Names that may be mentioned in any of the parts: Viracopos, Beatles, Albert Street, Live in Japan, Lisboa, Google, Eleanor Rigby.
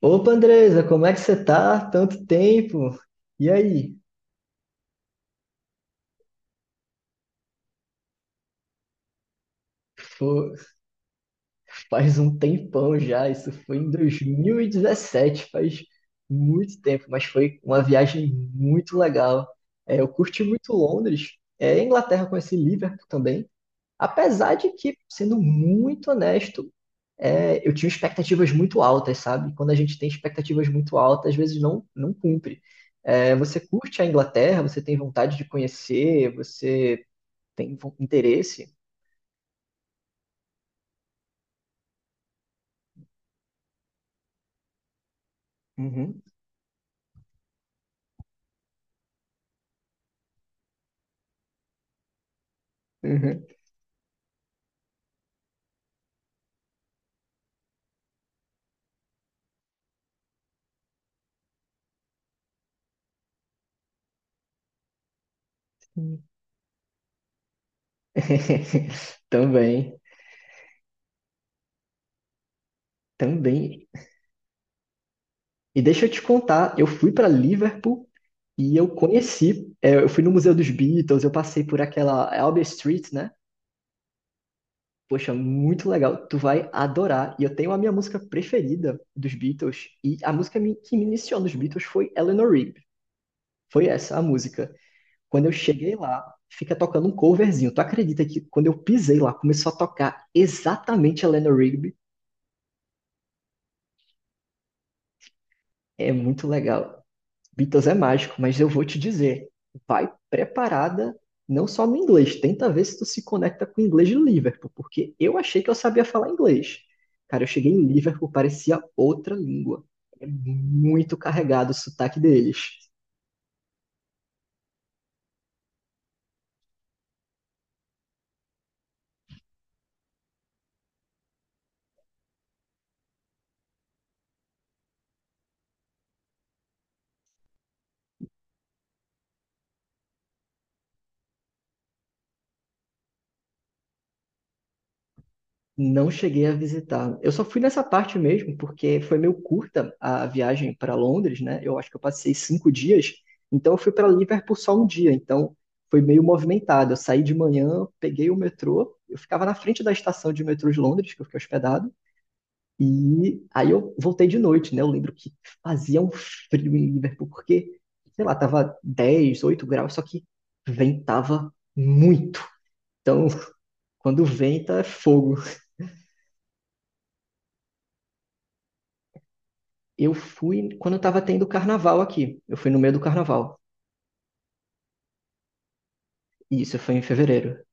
Opa, Andresa, como é que você tá? Tanto tempo. E aí? Pô, faz um tempão já, isso foi em 2017, faz muito tempo, mas foi uma viagem muito legal. Eu curti muito Londres, a Inglaterra conheci Liverpool também, apesar de que, sendo muito honesto, eu tinha expectativas muito altas, sabe? Quando a gente tem expectativas muito altas, às vezes não cumpre. É, você curte a Inglaterra, você tem vontade de conhecer, você tem interesse? Uhum, uhum. Também, também. E deixa eu te contar, eu fui para Liverpool e eu conheci, eu fui no Museu dos Beatles, eu passei por aquela Albert Street, né? Poxa, muito legal. Tu vai adorar. E eu tenho a minha música preferida dos Beatles e a música que me iniciou nos Beatles foi Eleanor Rigby. Foi essa a música. Quando eu cheguei lá, fica tocando um coverzinho. Tu acredita que quando eu pisei lá, começou a tocar exatamente Eleanor Rigby? É muito legal. Beatles é mágico, mas eu vou te dizer, vai preparada não só no inglês, tenta ver se tu se conecta com o inglês de Liverpool, porque eu achei que eu sabia falar inglês. Cara, eu cheguei em Liverpool, parecia outra língua. É muito carregado o sotaque deles. Não cheguei a visitar. Eu só fui nessa parte mesmo, porque foi meio curta a viagem para Londres, né? Eu acho que eu passei 5 dias, então eu fui para Liverpool só um dia, então foi meio movimentado. Eu saí de manhã, peguei o metrô, eu ficava na frente da estação de metrô de Londres, que eu fiquei hospedado, e aí eu voltei de noite, né? Eu lembro que fazia um frio em Liverpool, porque, sei lá, tava 10 8 graus, só que ventava muito. Então, quando venta, é fogo. Eu fui quando estava tendo carnaval aqui. Eu fui no meio do carnaval. E isso foi em fevereiro.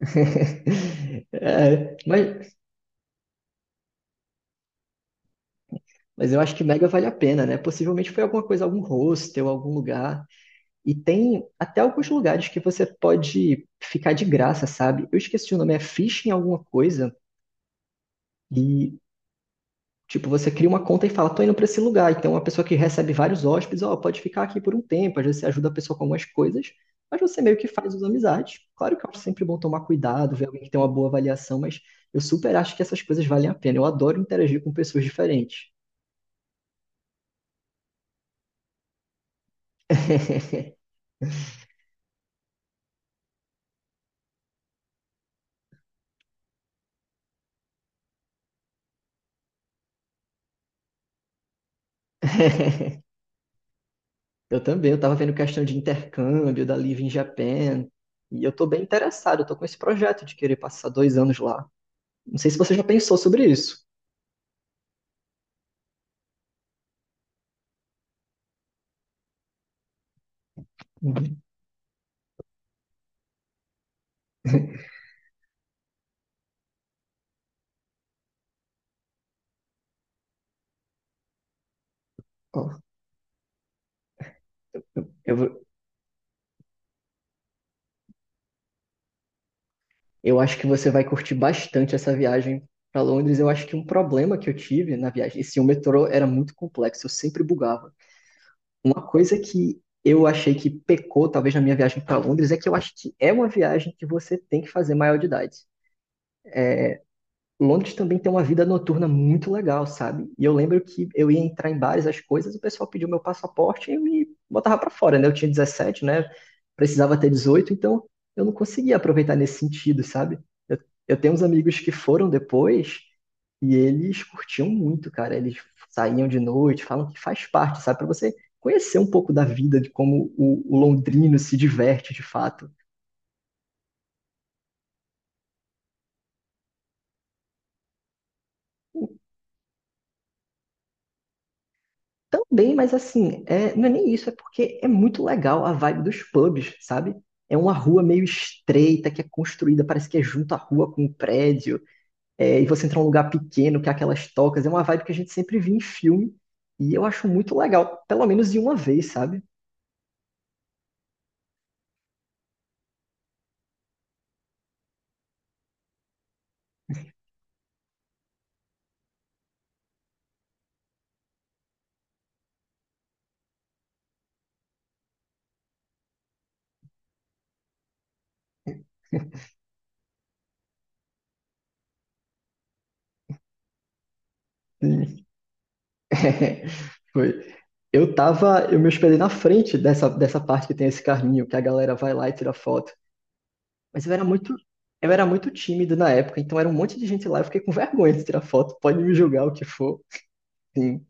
É, mas eu acho que mega vale a pena, né? Possivelmente foi alguma coisa, algum hostel, algum lugar. E tem até alguns lugares que você pode ficar de graça, sabe? Eu esqueci o nome, é Fishing alguma coisa. E tipo, você cria uma conta e fala, tô indo para esse lugar. Então, uma pessoa que recebe vários hóspedes, ó, pode ficar aqui por um tempo. Às vezes você ajuda a pessoa com algumas coisas, mas você meio que faz as amizades. Claro que eu acho sempre bom tomar cuidado, ver alguém que tem uma boa avaliação, mas eu super acho que essas coisas valem a pena. Eu adoro interagir com pessoas diferentes. Eu também, eu tava vendo questão de intercâmbio da Live in Japan. E eu tô bem interessado, eu tô com esse projeto de querer passar 2 anos lá. Não sei se você já pensou sobre isso. Uhum. Ó, eu vou, eu acho que você vai curtir bastante essa viagem para Londres. Eu acho que um problema que eu tive na viagem, esse o metrô era muito complexo, eu sempre bugava. Uma coisa que eu achei que pecou, talvez, na minha viagem para Londres, é que eu acho que é uma viagem que você tem que fazer maior de idade. Londres também tem uma vida noturna muito legal, sabe? E eu lembro que eu ia entrar em bares, as coisas, o pessoal pediu meu passaporte e me botava pra fora, né? Eu tinha 17, né? Precisava ter 18, então eu não conseguia aproveitar nesse sentido, sabe? Eu, eu tenho uns amigos que foram depois e eles curtiam muito, cara. Eles saíam de noite, falam que faz parte, sabe? Pra você conhecer um pouco da vida, de como o londrino se diverte de fato. Também, mas assim, não é nem isso, é porque é muito legal a vibe dos pubs, sabe? É uma rua meio estreita que é construída, parece que é junto à rua com um prédio, e você entra num lugar pequeno que é aquelas tocas, é uma vibe que a gente sempre vê em filme, e eu acho muito legal, pelo menos de uma vez, sabe? Sim. Foi. Eu tava, eu me hospedei na frente dessa parte que tem esse carrinho, que a galera vai lá e tira foto. Mas eu era muito tímido na época, então era um monte de gente lá, eu fiquei com vergonha de tirar foto, pode me julgar o que for. Sim.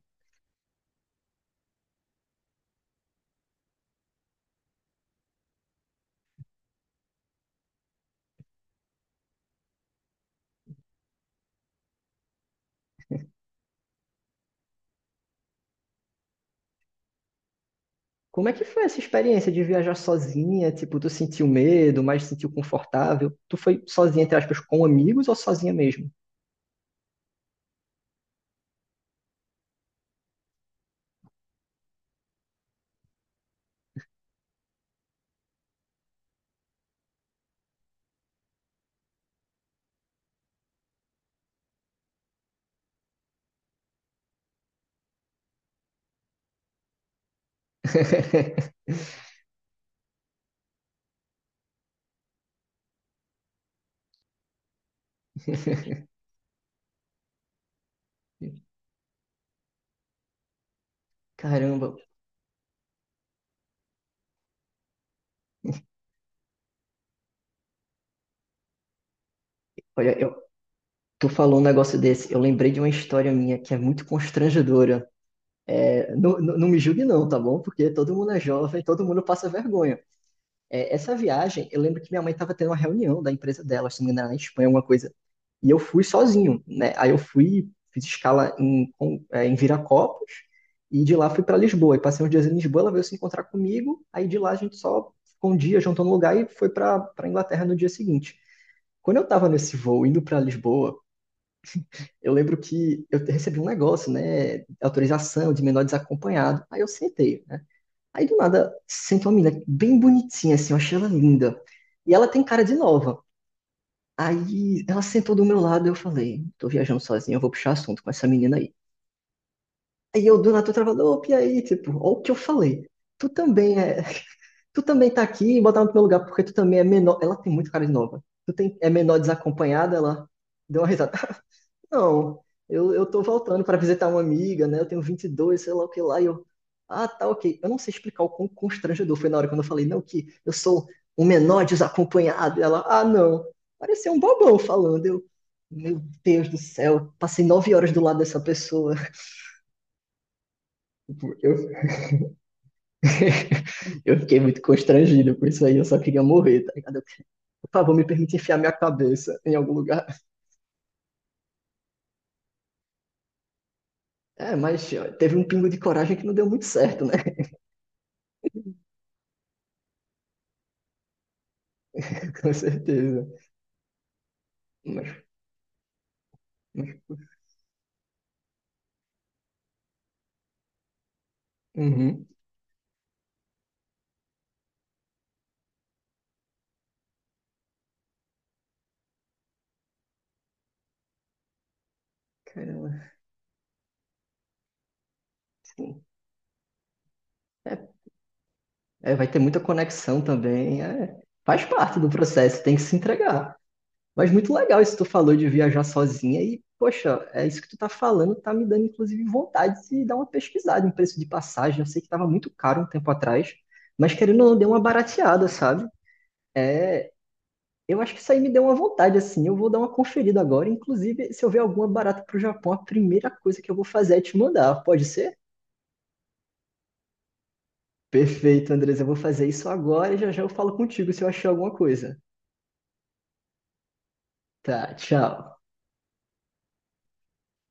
Como é que foi essa experiência de viajar sozinha? Tipo, tu sentiu medo, mas se sentiu confortável? Tu foi sozinha, entre aspas, com amigos ou sozinha mesmo? Caramba, olha, tu falou um negócio desse, eu lembrei de uma história minha que é muito constrangedora. É, não, não não me julgue não, tá bom? Porque todo mundo é jovem, todo mundo passa vergonha. É, essa viagem, eu lembro que minha mãe estava tendo uma reunião da empresa dela, se não me engano, era na Espanha, alguma coisa. E eu fui sozinho, né? Aí eu fui, fiz escala em Viracopos e de lá fui para Lisboa. E passei uns dias em Lisboa, ela veio se encontrar comigo. Aí de lá a gente só ficou um dia, juntou no lugar e foi para para Inglaterra no dia seguinte. Quando eu estava nesse voo indo para Lisboa, eu lembro que eu recebi um negócio, né? Autorização de menor desacompanhado. Aí eu sentei, né? Aí do nada senta uma menina bem bonitinha, assim, eu achei ela linda. E ela tem cara de nova. Aí ela sentou do meu lado e eu falei, tô viajando sozinha, eu vou puxar assunto com essa menina aí. Aí eu do nada tô travado, opa, e aí, tipo, ó o que eu falei. Tu também é, tu também tá aqui, botar no teu lugar, porque tu também é menor. Ela tem muito cara de nova. Tu tem, menor desacompanhada, ela deu uma risada. Não, eu tô voltando para visitar uma amiga, né? Eu tenho 22, sei lá o que lá, e eu. Ah, tá, ok. Eu não sei explicar o quão constrangedor foi na hora quando eu falei, não, que eu sou um menor desacompanhado. E ela, ah, não. Parecia um bobão falando. Meu Deus do céu, passei 9 horas do lado dessa pessoa. Tipo, Eu, eu fiquei muito constrangido com isso aí, eu só queria morrer, tá ligado? Eu, por favor, me permite enfiar minha cabeça em algum lugar. É, mas ó, teve um pingo de coragem que não deu muito certo, né? Com certeza. Mas Uhum. Caramba, sim. É, vai ter muita conexão também. Faz parte do processo, tem que se entregar. Mas muito legal isso que tu falou de viajar sozinha e, poxa, é isso que tu tá falando, tá me dando inclusive vontade de dar uma pesquisada em preço de passagem. Eu sei que tava muito caro um tempo atrás, mas querendo ou não, deu uma barateada, sabe? Eu acho que isso aí me deu uma vontade, assim. Eu vou dar uma conferida agora. Inclusive, se eu ver alguma barata pro Japão, a primeira coisa que eu vou fazer é te mandar. Pode ser? Perfeito, Andres. Eu vou fazer isso agora e já já eu falo contigo se eu achar alguma coisa. Tá, tchau.